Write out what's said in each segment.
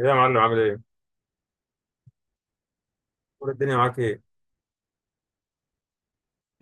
ايه يا معلم عامل ايه؟ اخبار الدنيا معاك ايه؟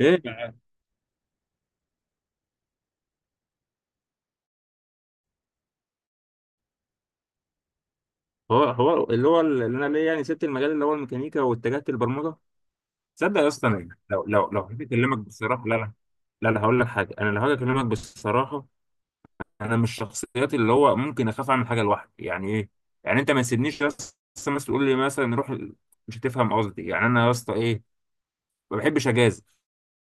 ايه بقى؟ هو هو اللي هو اللي انا ليه يعني سبت المجال اللي هو الميكانيكا واتجهت للبرمجه. تصدق يا اسطى انا لو حبيت اكلمك بصراحه، لا. لا هقول لك حاجه، انا لو هاجي اكلمك بصراحه، انا من الشخصيات اللي هو ممكن اخاف اعمل حاجه لوحدي، يعني ايه؟ يعني انت ما تسيبنيش يا اسطى، مثلا تقول لي مثلا روح مش هتفهم قصدي، يعني انا يا اسطى ايه، ما بحبش اجازف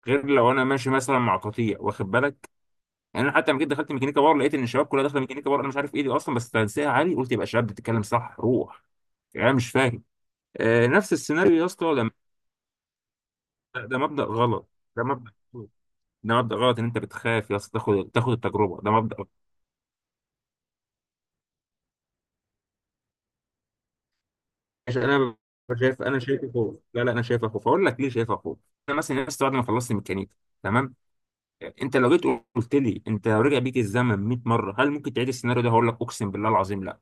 غير لو انا ماشي مثلا مع قطيع، واخد بالك؟ يعني انا حتى لما جيت دخلت ميكانيكا باور لقيت ان الشباب كلها داخله ميكانيكا باور، انا مش عارف ايه دي اصلا بس تنسيقها عالي، قلت يبقى الشباب بتتكلم صح، روح. يعني أنا مش فاهم. آه نفس السيناريو يا اسطى ده مبدأ غلط، ده مبدأ غلط. ده مبدأ غلط ان انت بتخاف يا اسطى تاخد التجربه، ده مبدأ غلط. عشان انا، شايف، انا شايفه خوف، لا، انا شايفه خوف، اقول لك ليه شايفه خوف. انا مثلا يا اسطى بعد ما خلصت ميكانيكا، تمام، انت لو جيت قلت لي انت لو رجع بيك الزمن 100 مره هل ممكن تعيد السيناريو ده، هقول لك اقسم بالله العظيم لا.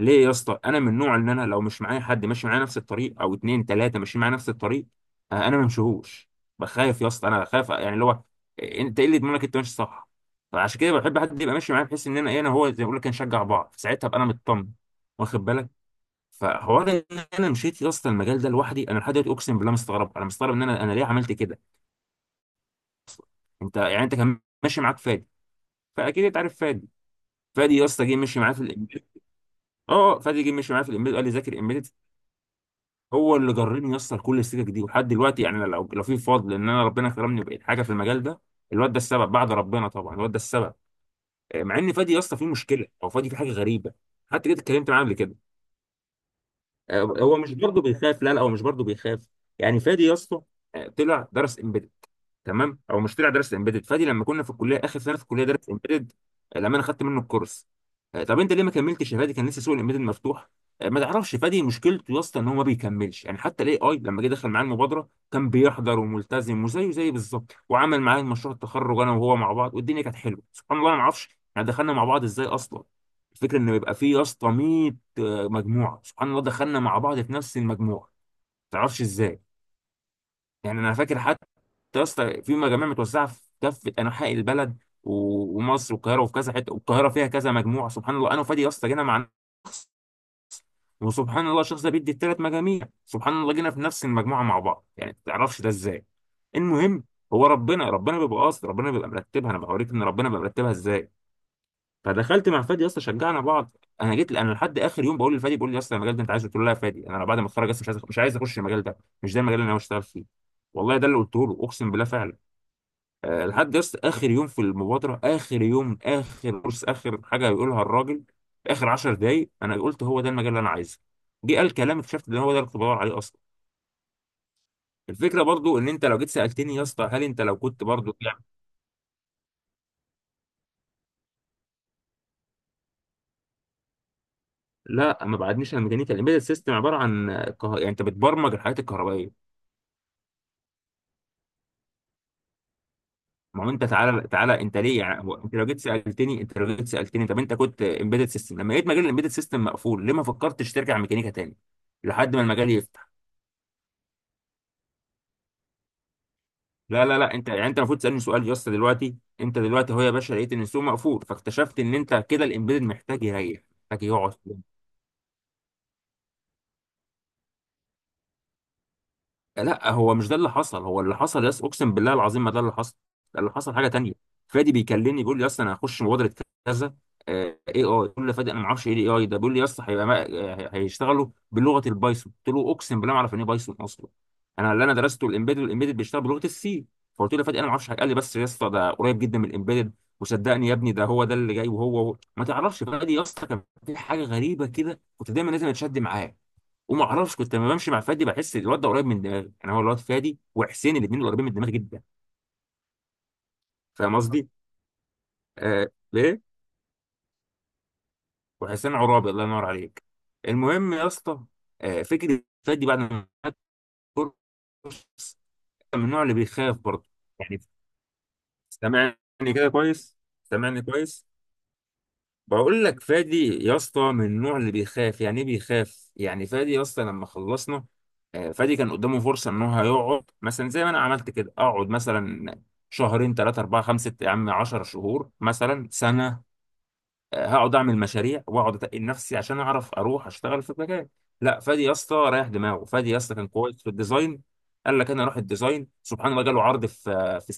ليه يا اسطى؟ انا من النوع اللي انا لو مش معايا حد ماشي معايا نفس الطريق او اتنين تلاته ماشيين معايا نفس الطريق، آه، انا ما بمشيهوش. بخاف يا اسطى، انا خايف يعني اللي هو إيه، انت ايه اللي يضمنك انت ماشي صح؟ فعشان كده بحب حد يبقى ماشي معايا، بحيث ان انا ايه، انا هو زي ما بقول لك نشجع بعض، ساعتها ابقى انا مطمن، واخد بالك؟ فحوار ان انا مشيت يا اسطى المجال ده لوحدي، انا لحد دلوقتي اقسم بالله مستغرب، انا مستغرب ان انا ليه عملت كده أصلاً. انت يعني انت كان ماشي معاك فادي، فاكيد انت عارف فادي. فادي يا اسطى جه مشي معايا في الامبيد، اه فادي جه مشي معايا في الامبيد قال لي ذاكر امبيد. هو اللي جرني يسطر كل السكك دي، ولحد دلوقتي يعني أنا لو في فضل ان انا ربنا كرمني وبقيت حاجه في المجال ده، الواد ده السبب بعد ربنا طبعا، الواد ده السبب. آه، مع ان فادي يا اسطى فيه مشكله، او فادي فيه حاجه غريبه، حتى جيت اتكلمت معاه قبل كده. آه، هو مش برضه بيخاف، لا هو مش برضه بيخاف. يعني فادي يا اسطى، آه، طلع درس، تمام، او مشتري على درس امبيدد. فادي لما كنا في الكليه اخر سنه في الكليه درس امبيدد، لما انا خدت منه الكورس، آه، طب انت ليه ما كملتش يا فادي؟ كان لسه سوق الامبيدد مفتوح. آه، ما تعرفش فادي مشكلته يا اسطى ان هو ما بيكملش، يعني حتى الاي اي لما جه دخل معاه المبادره كان بيحضر وملتزم وزيه زي بالظبط، وعمل معايا مشروع التخرج انا وهو مع بعض، والدنيا كانت حلوه سبحان الله. أنا ما اعرفش احنا دخلنا مع بعض ازاي اصلا. الفكره ان يبقى فيه يا اسطى 100، آه، مجموعه. سبحان الله دخلنا مع بعض في نفس المجموعه، ما تعرفش ازاي. يعني انا فاكر يا اسطى في مجاميع متوزعه في كافه انحاء البلد و- ومصر والقاهره، وفي كذا حته، والقاهره فيها كذا مجموعه، سبحان الله انا وفادي يا اسطى جينا مع شخص، وسبحان الله الشخص ده بيدي الثلاث مجاميع، سبحان الله جينا في نفس المجموعه مع بعض، يعني ما تعرفش ده ازاي. المهم، هو ربنا بيبقى قاصد، ربنا بيبقى مرتبها، انا بوريك ان ربنا بيبقى مرتبها ازاي. فدخلت مع فادي يا اسطى شجعنا بعض، انا جيت انا لحد اخر يوم بقول لفادي بيقول لي يا اسطى المجال ده انت عايزه؟ قلت له لا يا فادي انا بعد ما اتخرج اصلا مش عايز اخش المجال ده، مش ده المجال اللي انا ناوي اشتغل فيه، والله ده اللي قلته له اقسم بالله فعلا. آه، لحد يس اخر يوم في المبادره، اخر يوم اخر كورس اخر حاجه هيقولها الراجل، في اخر 10 دقايق انا قلت هو ده المجال اللي انا عايزه. جه قال كلام اكتشفت ان هو ده اللي كنت بدور عليه اصلا. الفكره برضو ان انت لو جيت سالتني يا اسطى هل انت لو كنت برضو يعني، لا ما بعدنيش عن الميكانيكا، الامبيدد سيستم عباره عن كه... يعني انت بتبرمج الحاجات الكهربائيه. ما هو انت تعالى انت ليه يعني، هو انت لو جيت سالتني، انت لو جيت سالتني طب انت كنت امبيدد سيستم، لما لقيت مجال الامبيدد سيستم مقفول ليه ما فكرتش ترجع ميكانيكا تاني لحد ما المجال يفتح؟ لا انت يعني انت المفروض تسالني سؤال يا اسطى دلوقتي، انت دلوقتي اهو يا باشا لقيت ان السوق مقفول، فاكتشفت ان انت كده الامبيدد محتاج يريح، محتاج يقعد. لا هو مش ده اللي حصل، هو اللي حصل يس اقسم بالله العظيم ما ده اللي حصل، ده اللي حصل حاجه تانية. فادي بيكلمني بيقول لي يا اسطى انا هخش مبادره كذا اي اي، بقول له فادي انا ما اعرفش ايه اي اي ده، بيقول لي يا اسطى هيبقى آه، هيشتغلوا بلغه البايثون، قلت له اقسم بالله ما اعرف يعني ايه بايثون اصلا، انا اللي انا درسته الامبيدد، والامبيدد بيشتغل بلغه السي. فقلت له يا فادي انا ما اعرفش، قال لي بس يا اسطى ده قريب جدا من الامبيدد، وصدقني يا ابني ده هو ده اللي جاي. وهو ما تعرفش فادي يا اسطى كان في حاجه غريبه كده، كنت دايما لازم اتشد معاه، وما اعرفش كنت لما بمشي مع فادي بحس الواد ده قريب من دماغي، يعني هو الواد فادي وحسين الاثنين قريبين من دماغي جدا. فاهم قصدي؟ آه ليه؟ وحسين عرابي الله ينور عليك. المهم يا اسطى، آه فكره فادي بعد ما خد كورس، من النوع اللي بيخاف برضه، يعني، سامعني كده كويس؟ سامعني كويس؟ بقول لك فادي يا اسطى من النوع اللي بيخاف، يعني ايه بيخاف؟ يعني فادي يا اسطى لما خلصنا، آه، فادي كان قدامه فرصه ان هو هيقعد مثلا زي ما انا عملت كده، اقعد مثلا شهرين ثلاثه اربعه خمسه يا عم 10 شهور مثلا سنه، آه، هقعد اعمل مشاريع واقعد اتقل نفسي عشان اعرف اروح اشتغل في مكان. لا فادي يا اسطى رايح دماغه، فادي يا اسطى كان كويس في الديزاين، قال لك انا اروح الديزاين، سبحان الله جاله عرض في، آه، في،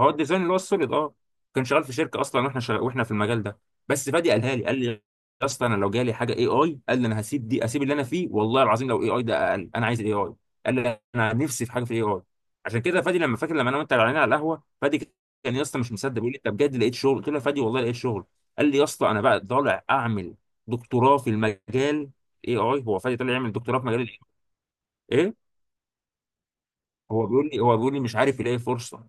هو الديزاين اللي هو السوليد، اه، كان شغال في شركه اصلا، واحنا شغال واحنا في المجال ده. بس فادي قالها لي، قال لي يا اسطى انا لو جالي حاجه اي اي، قال لي انا هسيب دي، اسيب اللي انا فيه والله العظيم، لو اي اي ده اقل انا عايز الاي اي، قال لي انا نفسي في حاجه في الاي اي. عشان كده فادي لما فاكر لما انا وانت قاعدين على القهوه، فادي كان يا اسطى مش مصدق، بيقول لي انت بجد لقيت شغل؟ قلت له يا فادي والله لقيت شغل. قال لي يا اسطى انا بقى طالع اعمل دكتوراه في المجال، اي اي. هو فادي طالع يعمل دكتوراه في مجال ال AI. ايه، هو بيقول لي، هو بيقول لي مش عارف يلاقي فرصه،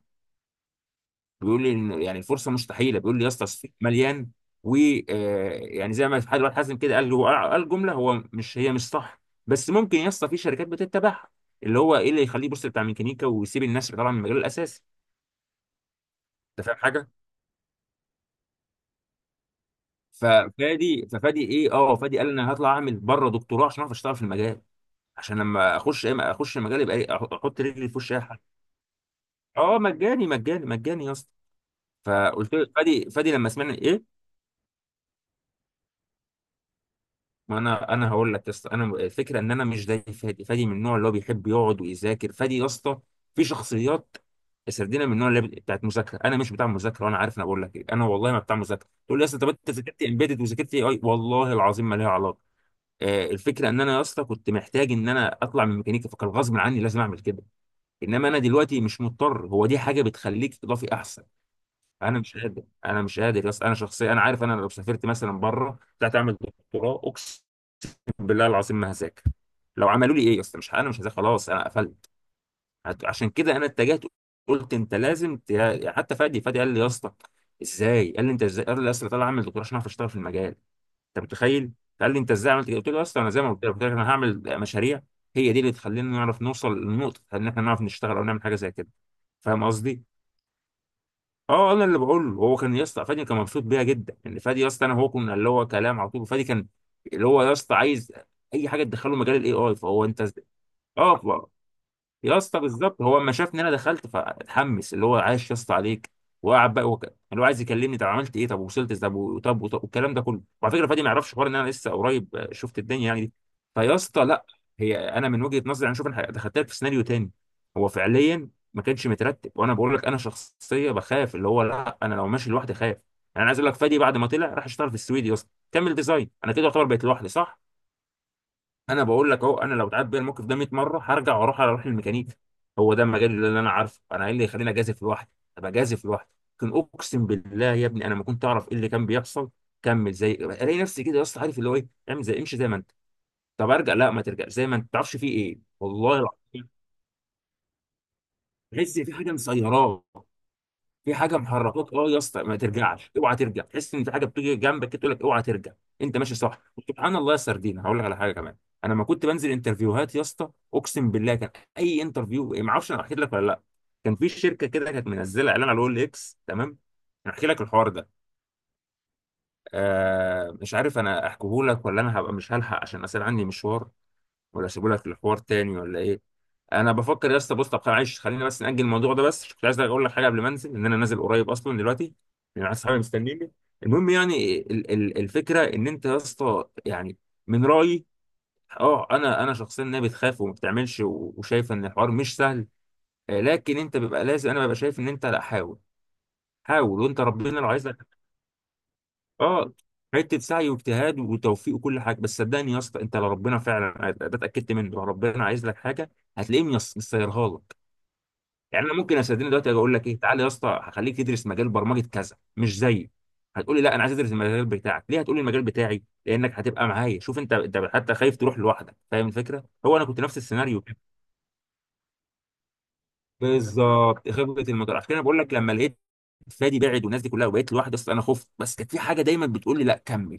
بيقول لي إن يعني الفرصه مستحيله، بيقول لي يا اسطى السوق مليان و آه، يعني زي ما حد واحد حازم كده قال، هو قال جمله هو مش هي مش صح، بس ممكن يا اسطى في شركات بتتبعها اللي هو ايه اللي يخليه يبص بتاع ميكانيكا ويسيب الناس اللي طالعه من المجال الاساسي. انت فاهم حاجه؟ ففادي ايه، اه فادي قال انا هطلع اعمل بره دكتوراه عشان اعرف اشتغل في المجال، عشان لما اخش ايه اخش المجال يبقى ايه، احط رجلي في وش اي حاجه. اه مجاني يا اسطى. فقلت له فادي، فادي لما سمعني ايه، ما انا انا هقول لك يا اسطى، انا الفكره ان انا مش زي فادي، فادي من النوع اللي هو بيحب يقعد ويذاكر. فادي يا اسطى في شخصيات سردينا من النوع اللي بتاعت مذاكره، انا مش بتاع مذاكره وانا عارف، انا بقول لك ايه، انا والله ما بتاع مذاكره. تقول لي يا اسطى طب انت ذاكرت امبيدد وذاكرت اي اي؟ والله العظيم ما ليها علاقه. آه الفكره ان انا يا اسطى كنت محتاج ان انا اطلع من ميكانيكا، فكان غصب عني لازم اعمل كده، انما انا دلوقتي مش مضطر، هو دي حاجه بتخليك اضافي احسن. انا مش قادر يا اسطى، انا شخصيا انا عارف انا لو سافرت مثلا بره طلعت اعمل دكتوراه اقسم بالله العظيم ما هذاكر، لو عملوا لي ايه يا اسطى، مش انا مش هذاكر خلاص، انا قفلت. عشان كده انا اتجهت، قلت انت لازم حتى فادي، فادي قال لي يا اسطى ازاي؟ قال لي انت ازاي؟ قال لي يا اسطى طالع اعمل دكتوراه عشان اعرف اشتغل في المجال، انت متخيل؟ قال لي انت ازاي عملت كده؟ قلت له يا اسطى انا زي ما قلت لك، قلت لك انا هعمل مشاريع، هي دي اللي تخلينا نعرف نوصل للنقطه ان احنا نعرف نشتغل او نعمل حاجه زي كده، فاهم قصدي؟ اه انا اللي بقول له. هو كان يا اسطى فادي كان مبسوط بيها جدا، ان فادي يا اسطى انا هو كنا اللي هو كلام على طول، فادي كان اللي هو يا اسطى عايز اي حاجه تدخله مجال الاي اي، فهو انت، اه، يا اسطى بالظبط هو اما شافني انا دخلت فاتحمس، اللي هو عايش يا اسطى عليك، وقعد بقى وك... اللي هو عايز يكلمني. طب عملت ايه؟ طب وصلت ازاي؟ طب طب والكلام ده كله. وعلى فكره فادي ما يعرفش حوار ان انا لسه قريب، آه، شفت الدنيا يعني دي. فيا اسطى لا، هي انا من وجهه نظري انا شوف انا دخلت لك في سيناريو تاني. هو فعليا ما كانش مترتب، وانا بقول لك انا شخصيه بخاف، اللي هو لا انا لو ماشي لوحدي خايف يعني. انا عايز اقول لك فادي بعد ما طلع راح اشتغل في السويد، يا اسطى كمل ديزاين، انا كده يعتبر بقيت لوحدي صح. انا بقول لك اهو، انا لو اتعاد بيا الموقف ده 100 مره هرجع واروح، اروح للميكانيكي، هو ده المجال اللي انا عارفه. انا ايه اللي يخليني اجازف لوحدي؟ ابقى جازف لوحدي. لكن اقسم بالله يا ابني انا ما كنت اعرف ايه اللي كان بيحصل. كمل، زي الاقي نفسي كده، يا اسطى عارف اللي هو ايه، اعمل زي امشي زي ما انت. طب ارجع، لا ما ترجع زي ما انت، ما تعرفش فيه ايه، والله العظيم. تحس في حاجه مسيراك، في حاجه محركاك. اه يا اسطى ما ترجعش، اوعى ترجع، تحس ان في حاجه بتيجي جنبك كده تقول لك اوعى ترجع. انت ماشي صح. سبحان الله يا سردينه، هقول لك على حاجه كمان. انا لما كنت بنزل انترفيوهات يا اسطى اقسم بالله كان اي انترفيو، ما اعرفش انا حكيت لك ولا لا، كان في شركه كده كانت منزله اعلان على الاول اكس، تمام؟ انا احكي لك الحوار ده، آه، مش عارف انا احكيه لك ولا انا هبقى مش هلحق عشان اصل عندي مشوار، ولا اسيبهولك للحوار تاني ولا ايه؟ انا بفكر يا اسطى، بص طب معلش خلينا بس نأجل الموضوع ده، بس كنت عايز اقول لك حاجه قبل ما انزل، ان انا نازل قريب اصلا دلوقتي، يعني عايز صحابي مستنيني. المهم، يعني ال الفكره ان انت يا اسطى، يعني من رايي، اه انا شخصيا، إن هي بتخاف وما بتعملش، وشايف ان الحوار مش سهل، آه، لكن انت بيبقى لازم، انا ببقى شايف ان انت لا حاول، حاول وانت ربنا لو عايز. اه حته سعي واجتهاد وتوفيق وكل حاجه، بس صدقني يا اسطى انت لو ربنا فعلا، ده اتاكدت منه، لو ربنا عايز لك حاجه هتلاقيه، مسيرها لك. يعني انا ممكن استدين دلوقتي أجي اقول لك ايه، تعالى يا اسطى هخليك تدرس مجال برمجه كذا مش زيي، هتقول لي لا انا عايز ادرس المجال بتاعك، ليه؟ هتقول لي المجال بتاعي لانك هتبقى معايا. شوف انت، انت حتى خايف تروح لوحدك، فاهم الفكره؟ هو انا كنت نفس السيناريو بالظبط، خبره المطار، عشان كده انا بقول لك لما لقيت فادي بعد، والناس دي كلها، وبقيت لوحدي اصلا انا خفت، بس كانت في حاجه دايما بتقول لي لا كمل.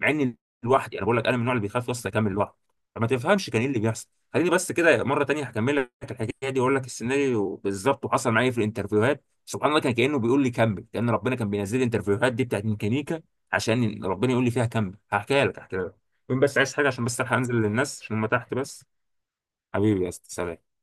مع اني لوحدي، انا بقول لك انا من النوع اللي بيخاف اصلا اكمل لوحدي، فما تفهمش كان ايه اللي بيحصل. خليني بس كده مره تانية هكمل لك الحكايه دي، واقول لك السيناريو بالظبط، وحصل معايا في الانترفيوهات سبحان الله، كان كانه بيقول لي كمل، كان ربنا كان بينزل لي الانترفيوهات دي بتاعت ميكانيكا عشان ربنا يقول لي فيها كمل. هحكيها لك، هحكيها لك. المهم بس عايز حاجه، عشان بس الحق انزل للناس عشان هم تحت بس. حبيبي يا أستاذ، سلام.